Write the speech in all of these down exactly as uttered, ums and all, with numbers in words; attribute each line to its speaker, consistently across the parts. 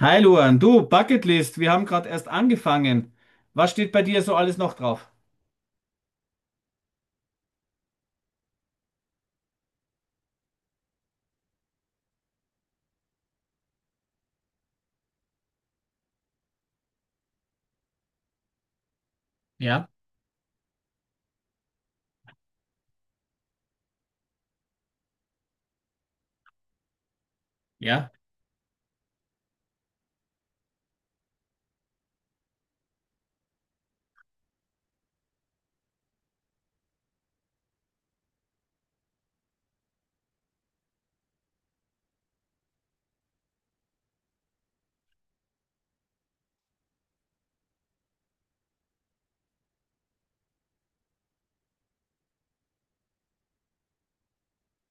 Speaker 1: Hi Luan, du, Bucketlist, wir haben gerade erst angefangen. Was steht bei dir so alles noch drauf? Ja, ja.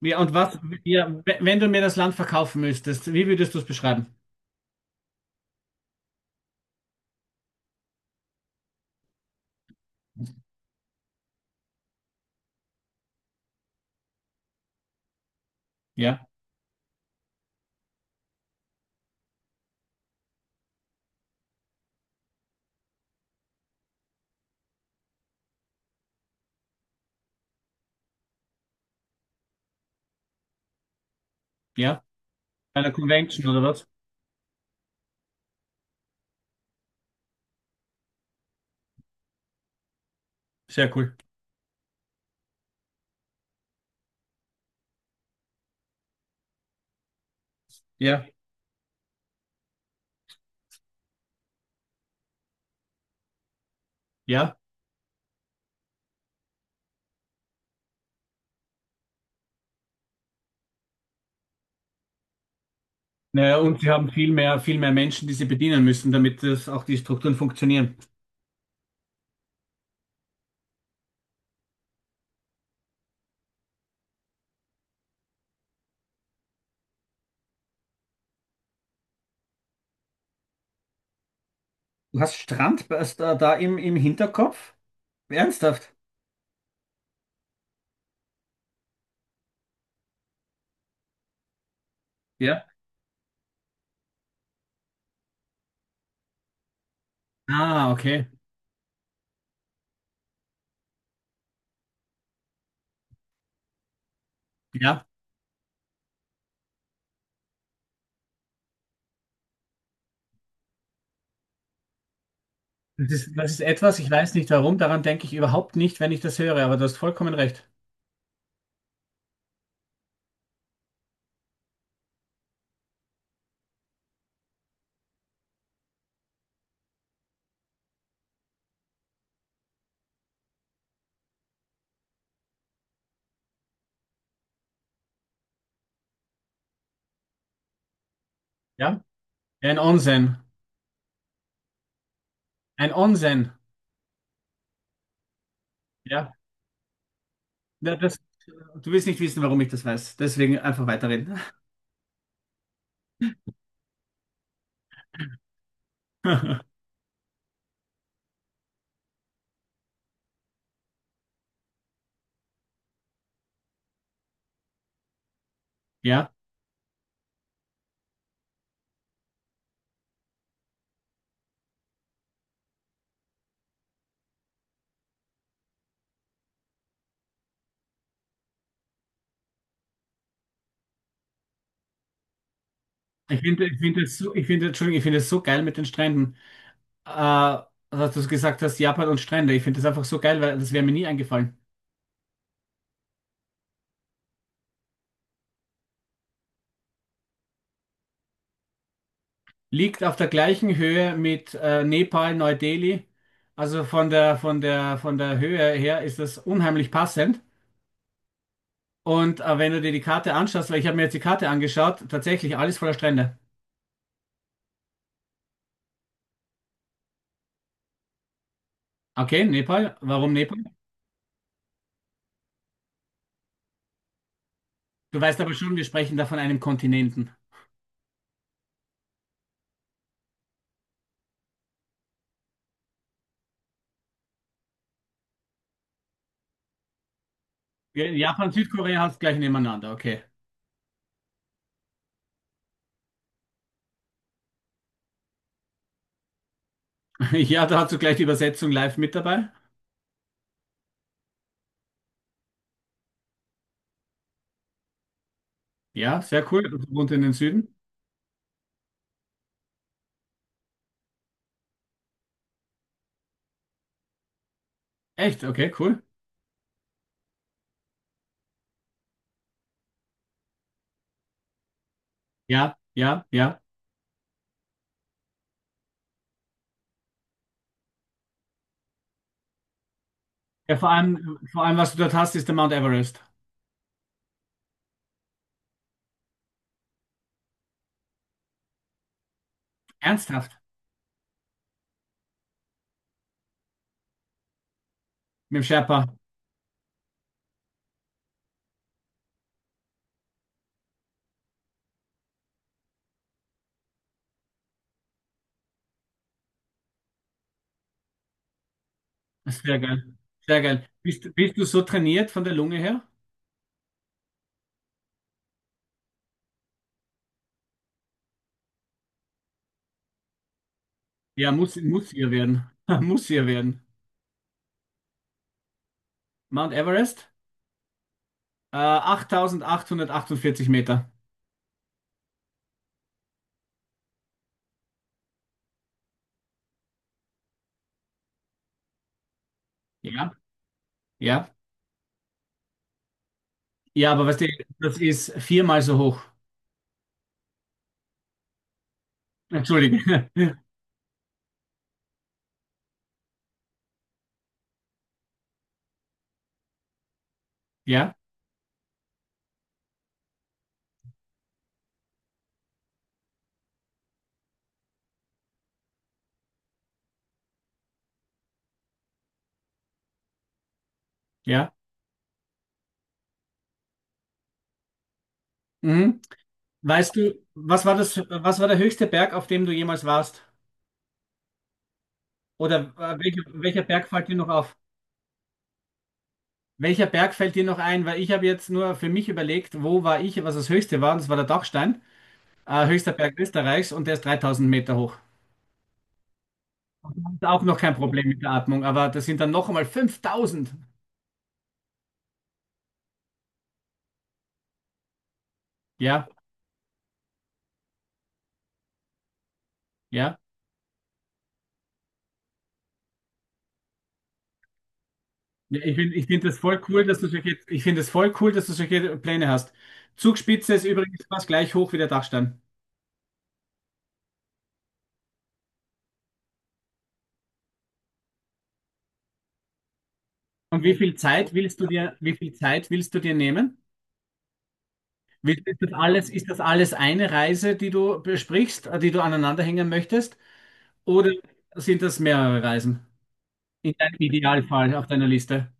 Speaker 1: Wie, und was, ja, w- Wenn du mir das Land verkaufen müsstest, wie würdest du es beschreiben? Ja, ja, bei einer Convention oder was? Sehr cool. Ja, ja. Naja, und sie haben viel mehr, viel mehr Menschen, die sie bedienen müssen, damit das auch die Strukturen funktionieren. Du hast Strand da, da im, im Hinterkopf? Ernsthaft? Ja. Ah, okay. Das ist, das ist etwas, ich weiß nicht warum, daran denke ich überhaupt nicht, wenn ich das höre, aber du hast vollkommen recht. Ja? Ein Onsen. Ein Onsen. Ja. Na, das, du willst nicht wissen, warum ich das weiß. Deswegen einfach weiterreden. Ja. Ich finde, ich finde es so, ich finde, Entschuldigung, ich finde es so geil mit den Stränden. Äh, dass du gesagt hast, Japan und Strände. Ich finde das einfach so geil, weil das wäre mir nie eingefallen. Liegt auf der gleichen Höhe mit äh, Nepal, Neu-Delhi. Also von der, von der, von der Höhe her ist das unheimlich passend. Und äh, wenn du dir die Karte anschaust, weil ich habe mir jetzt die Karte angeschaut, tatsächlich alles voller Strände. Okay, Nepal. Warum Nepal? Du weißt aber schon, wir sprechen da von einem Kontinenten. Ja, Japan, Südkorea hast gleich nebeneinander. Okay. Ja, da hast du gleich die Übersetzung live mit dabei. Ja, sehr cool. Du wohnst in den Süden. Echt? Okay, cool. Ja, ja, ja. Ja, vor allem, vor allem, was du dort hast, ist der Mount Everest. Ernsthaft? Mit dem Sherpa. Sehr geil. Sehr geil. Bist, bist du so trainiert von der Lunge her? Ja, muss, muss ihr werden. Muss ihr werden. Mount Everest, äh, achttausendachthundertachtundvierzig Meter. Ja, ja. Ja, aber weißt du, das ist viermal so hoch. Entschuldige. Ja, ja. Mhm. Weißt du, was war das, was war der höchste Berg, auf dem du jemals warst? Oder äh, welcher, welcher Berg fällt dir noch auf? Welcher Berg fällt dir noch ein? Weil ich habe jetzt nur für mich überlegt, wo war ich, was das höchste war, und das war der Dachstein, äh, höchster Berg Österreichs, und der ist dreitausend Meter hoch. Ist auch noch kein Problem mit der Atmung, aber das sind dann noch einmal fünftausend. Ja, ja. Ja, ich finde ich find das voll cool, dass du solche, ich finde es voll cool, dass du solche Pläne hast. Zugspitze ist übrigens fast gleich hoch wie der Dachstein. Und wie viel Zeit willst du dir, wie viel Zeit willst du dir nehmen? Willst- Ist das alles, ist das alles eine Reise, die du besprichst, äh, die du aneinanderhängen möchtest? Oder sind das mehrere Reisen? In deinem Idealfall auf deiner Liste.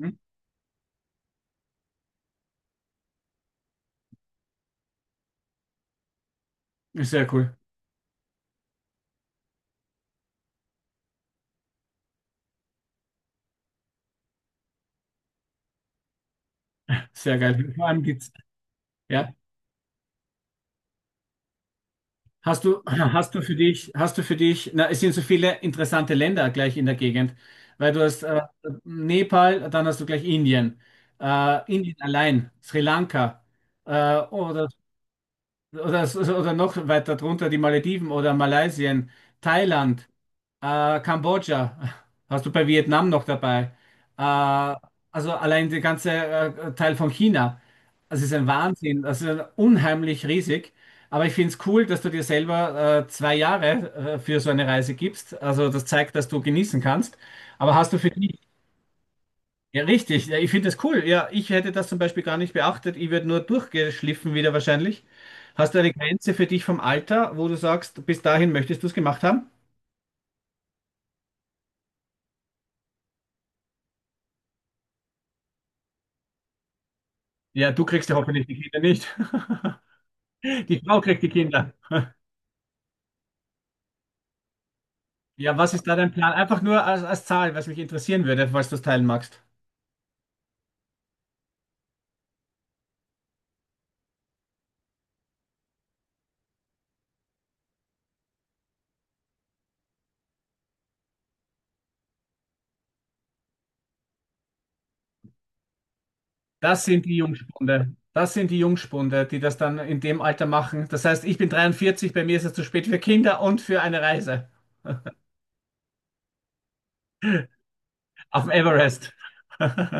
Speaker 1: Hm? Sehr cool. Sehr geil. Vor allem gibt's, ja. Hast du, hast du für dich, hast du für dich, na, es sind so viele interessante Länder gleich in der Gegend, weil du hast äh, Nepal, dann hast du gleich Indien, äh, Indien allein, Sri Lanka, äh, oder oder, oder noch weiter drunter die Malediven oder Malaysia, Thailand, äh, Kambodscha, hast du bei Vietnam noch dabei. Äh, also allein der ganze äh, Teil von China. Das ist ein Wahnsinn, das ist unheimlich riesig. Aber ich finde es cool, dass du dir selber äh, zwei Jahre äh, für so eine Reise gibst. Also das zeigt, dass du genießen kannst. Aber hast du für dich ja, richtig. Ja, ich finde das cool. Ja, ich hätte das zum Beispiel gar nicht beachtet. Ich werde nur durchgeschliffen wieder wahrscheinlich. Hast du eine Grenze für dich vom Alter, wo du sagst, bis dahin möchtest du es gemacht haben? Ja, du kriegst ja hoffentlich die Kinder nicht. Die Frau kriegt die Kinder. Ja, was ist da dein Plan? Einfach nur als, als Zahl, was mich interessieren würde, falls du es teilen magst. Das sind die Jungspunde. Das sind die Jungspunde, die das dann in dem Alter machen. Das heißt, ich bin dreiundvierzig, bei mir ist es zu spät für Kinder und für eine Reise auf dem Everest.